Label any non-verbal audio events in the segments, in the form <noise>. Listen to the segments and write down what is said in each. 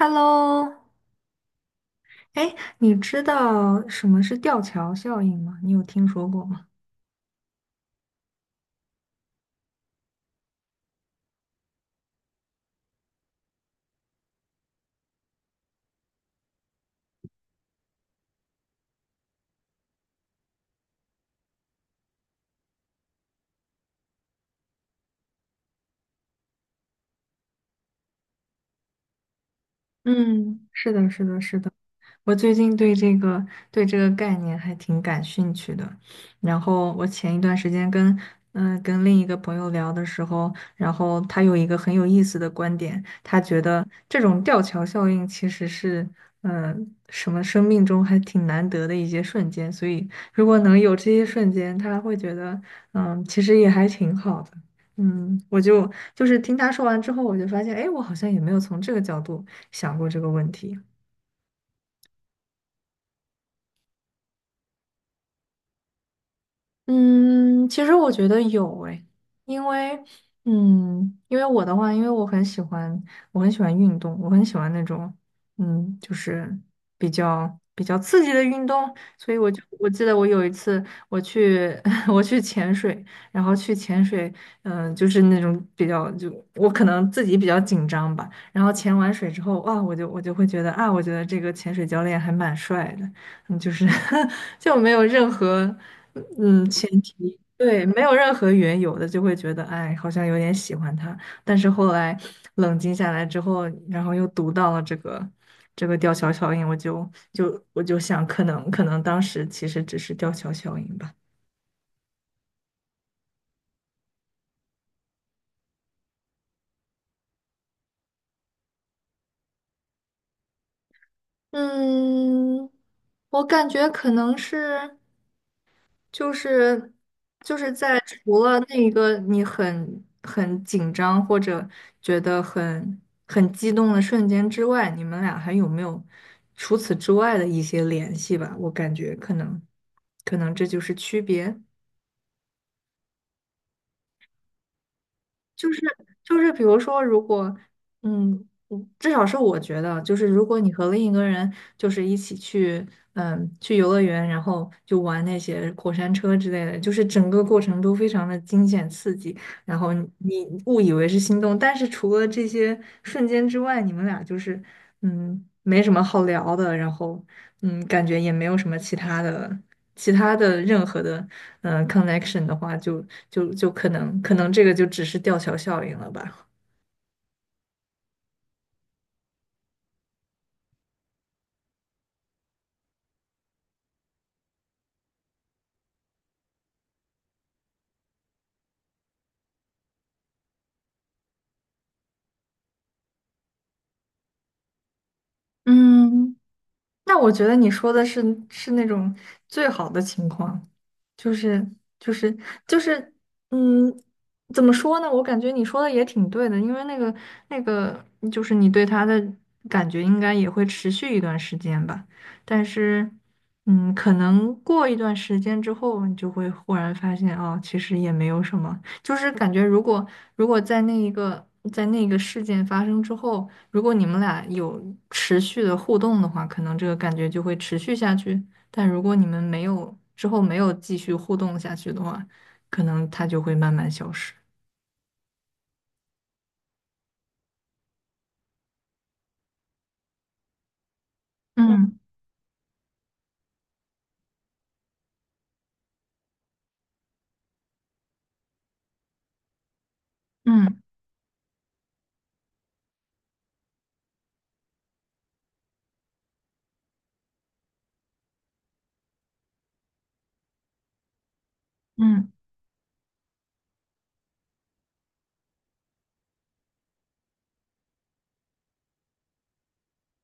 Hello，哎，你知道什么是吊桥效应吗？你有听说过吗？嗯，是的，是的，是的。我最近对这个概念还挺感兴趣的。然后我前一段时间跟跟另一个朋友聊的时候，然后他有一个很有意思的观点，他觉得这种吊桥效应其实是嗯、呃什么生命中还挺难得的一些瞬间，所以如果能有这些瞬间，他会觉得其实也还挺好的。嗯，我就听他说完之后，我就发现，哎，我好像也没有从这个角度想过这个问题。嗯，其实我觉得有诶，因为，嗯，因为我的话，因为我很喜欢运动，我很喜欢那种，嗯，就是比较刺激的运动，所以我记得我有一次我去 <laughs> 我去潜水，然后去潜水，就是那种比较我可能自己比较紧张吧，然后潜完水之后，哇，我就会觉得啊，我觉得这个潜水教练还蛮帅的，嗯，就是 <laughs> 就没有任何。嗯，前提，对，没有任何缘由的就会觉得，哎，好像有点喜欢他。但是后来冷静下来之后，然后又读到了这个吊桥效应，我就想，可能当时其实只是吊桥效应吧。嗯，我感觉可能是。就是就是在除了那一个你很紧张或者觉得很激动的瞬间之外，你们俩还有没有除此之外的一些联系吧？我感觉可能这就是区别。就是就是，比如说，如果嗯至少是我觉得，就是如果你和另一个人就是一起去，嗯，去游乐园，然后就玩那些过山车之类的，就是整个过程都非常的惊险刺激，然后你误以为是心动，但是除了这些瞬间之外，你们俩就是嗯，没什么好聊的，然后嗯，感觉也没有什么其他的，其他的任何的connection 的话就，可能这个就只是吊桥效应了吧。嗯，那我觉得你说的是是那种最好的情况。就是就是就是，嗯，怎么说呢？我感觉你说的也挺对的，因为那个，就是你对他的感觉应该也会持续一段时间吧。但是，嗯，可能过一段时间之后，你就会忽然发现，哦，其实也没有什么。就是感觉，如果在那一个那个事件发生之后，如果你们俩有持续的互动的话，可能这个感觉就会持续下去。但如果你们没有之后没有继续互动下去的话，可能它就会慢慢消失。嗯嗯嗯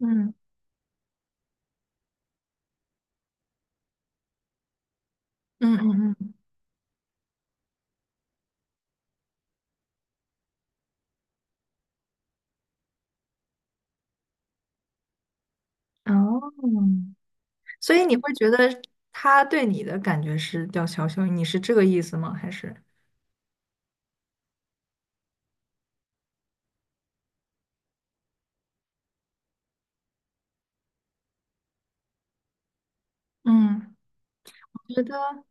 嗯嗯嗯嗯，哦，所以你会觉得他对你的感觉是吊桥效应，你是这个意思吗？还是？嗯，我觉得。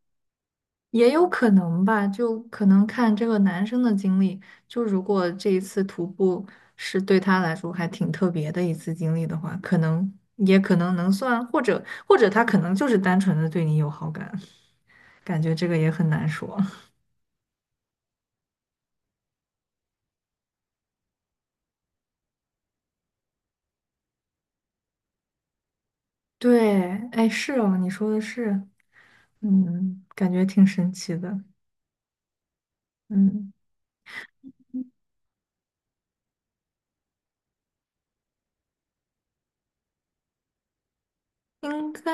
也有可能吧，就可能看这个男生的经历。就如果这一次徒步是对他来说还挺特别的一次经历的话，可能也可能能算，或者他可能就是单纯的对你有好感，感觉这个也很难说。<laughs> 对，哎，是哦，你说的是，嗯，感觉挺神奇的，嗯。应该，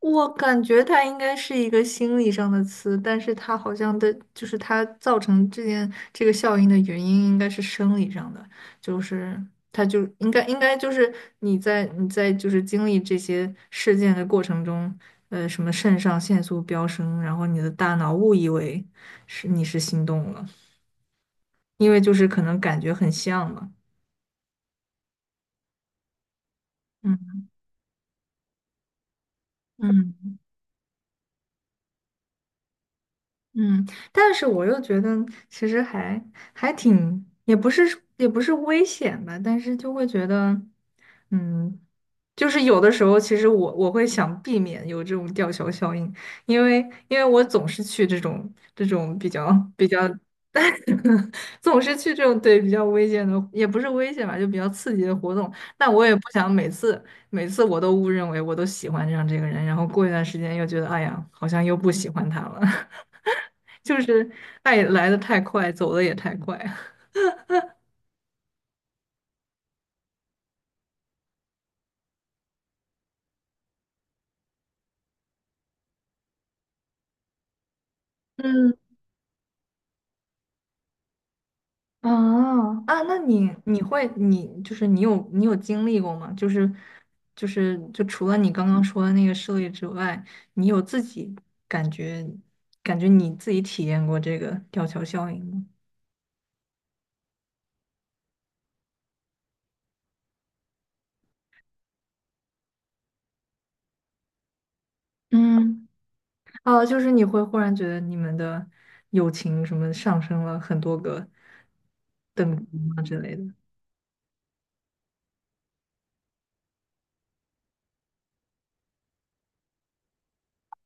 我感觉它应该是一个心理上的词，但是它好像的，就是它造成这个效应的原因应该是生理上的，就是它就应该就是你在就是经历这些事件的过程中，呃，什么肾上腺素飙升，然后你的大脑误以为是你是心动了，因为就是可能感觉很像嘛，嗯嗯。嗯，但是我又觉得其实还挺，也不是危险吧，但是就会觉得，嗯，就是有的时候其实我会想避免有这种吊桥效应，因为因为我总是去这种比较比较，<laughs> 总是去这种对比较危险的，也不是危险吧，就比较刺激的活动，那我也不想每次我都误认为我都喜欢上这个人，然后过一段时间又觉得，哎呀，好像又不喜欢他了。就是爱来的太快，走的也太快。嗯，哦，啊，那你就是你有经历过吗？就除了你刚刚说的那个事例之外，你有自己感觉感觉你自己体验过这个吊桥效应吗？嗯，哦，就是你会忽然觉得你们的友情什么上升了很多个等级吗之类的？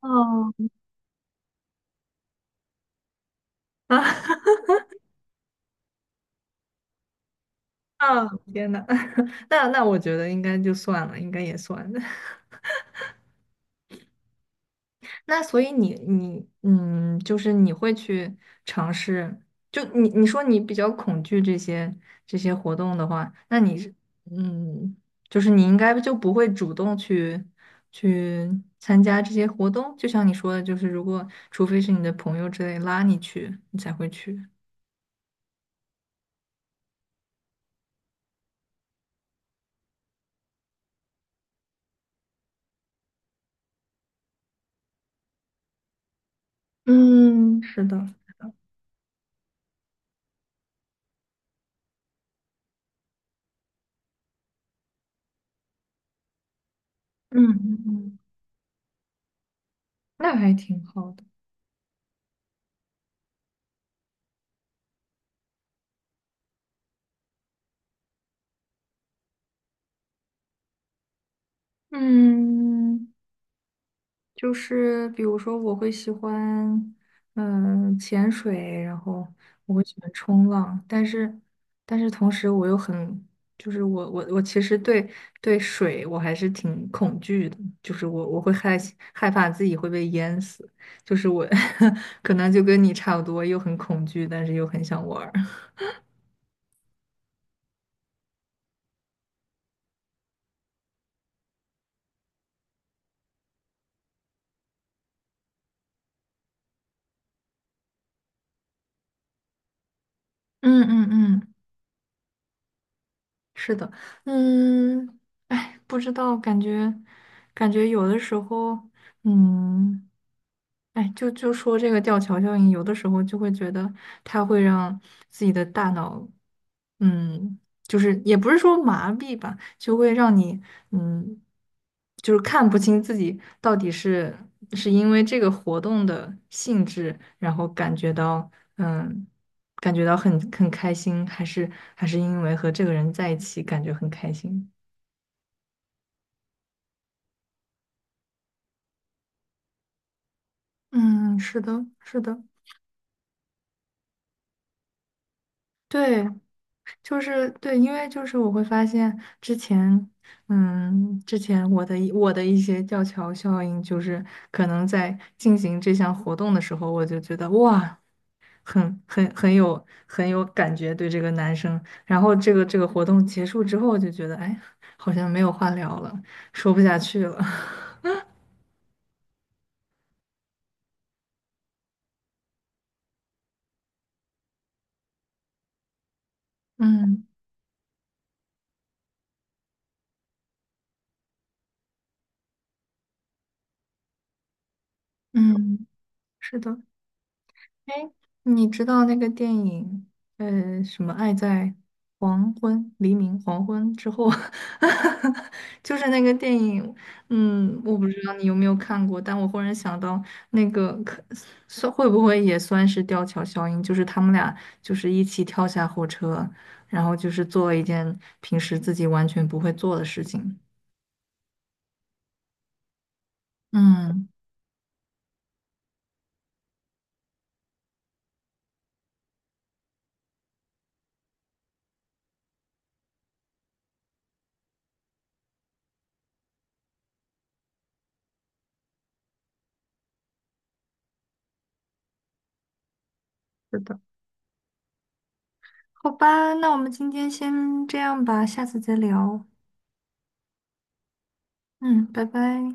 哦，<laughs> 啊，啊，天呐，<laughs> 那我觉得应该就算了，应该也算。<laughs> 那所以你就是你会去尝试，就你说你比较恐惧这些活动的话，那你是嗯，就是你应该就不会主动去参加这些活动，就像你说的，就是如果除非是你的朋友之类拉你去，你才会去。嗯，是的，嗯嗯嗯，那还挺好的。嗯。就是比如说，我会喜欢嗯潜水，然后我会喜欢冲浪，但是同时我又很就是我其实对对水我还是挺恐惧的，就是我会害怕自己会被淹死，就是我 <laughs> 可能就跟你差不多，又很恐惧，但是又很想玩儿。<laughs> 嗯嗯嗯，是的，嗯，哎，不知道，感觉有的时候，嗯。哎，就说这个吊桥效应，有的时候就会觉得它会让自己的大脑，嗯，就是也不是说麻痹吧，就会让你，嗯，就是看不清自己到底是因为这个活动的性质，然后感觉到，嗯，感觉到很开心，还是因为和这个人在一起感觉很开心。嗯，是的，是的，对。就是对，因为就是我会发现之前，嗯，之前我的一些吊桥效应，就是可能在进行这项活动的时候，我就觉得哇，很有感觉对这个男生。然后这个活动结束之后，就觉得哎，好像没有话聊了，说不下去了。<laughs> 嗯嗯，是的。哎，你知道那个电影，呃，什么《爱在黄昏、黎明、黄昏之后》<laughs>，就是那个电影，嗯，我不知道你有没有看过，但我忽然想到，那个可算会不会也算是吊桥效应，就是他们俩就是一起跳下火车，然后就是做了一件平时自己完全不会做的事情。嗯，是的。好吧，那我们今天先这样吧，下次再聊。嗯，拜拜。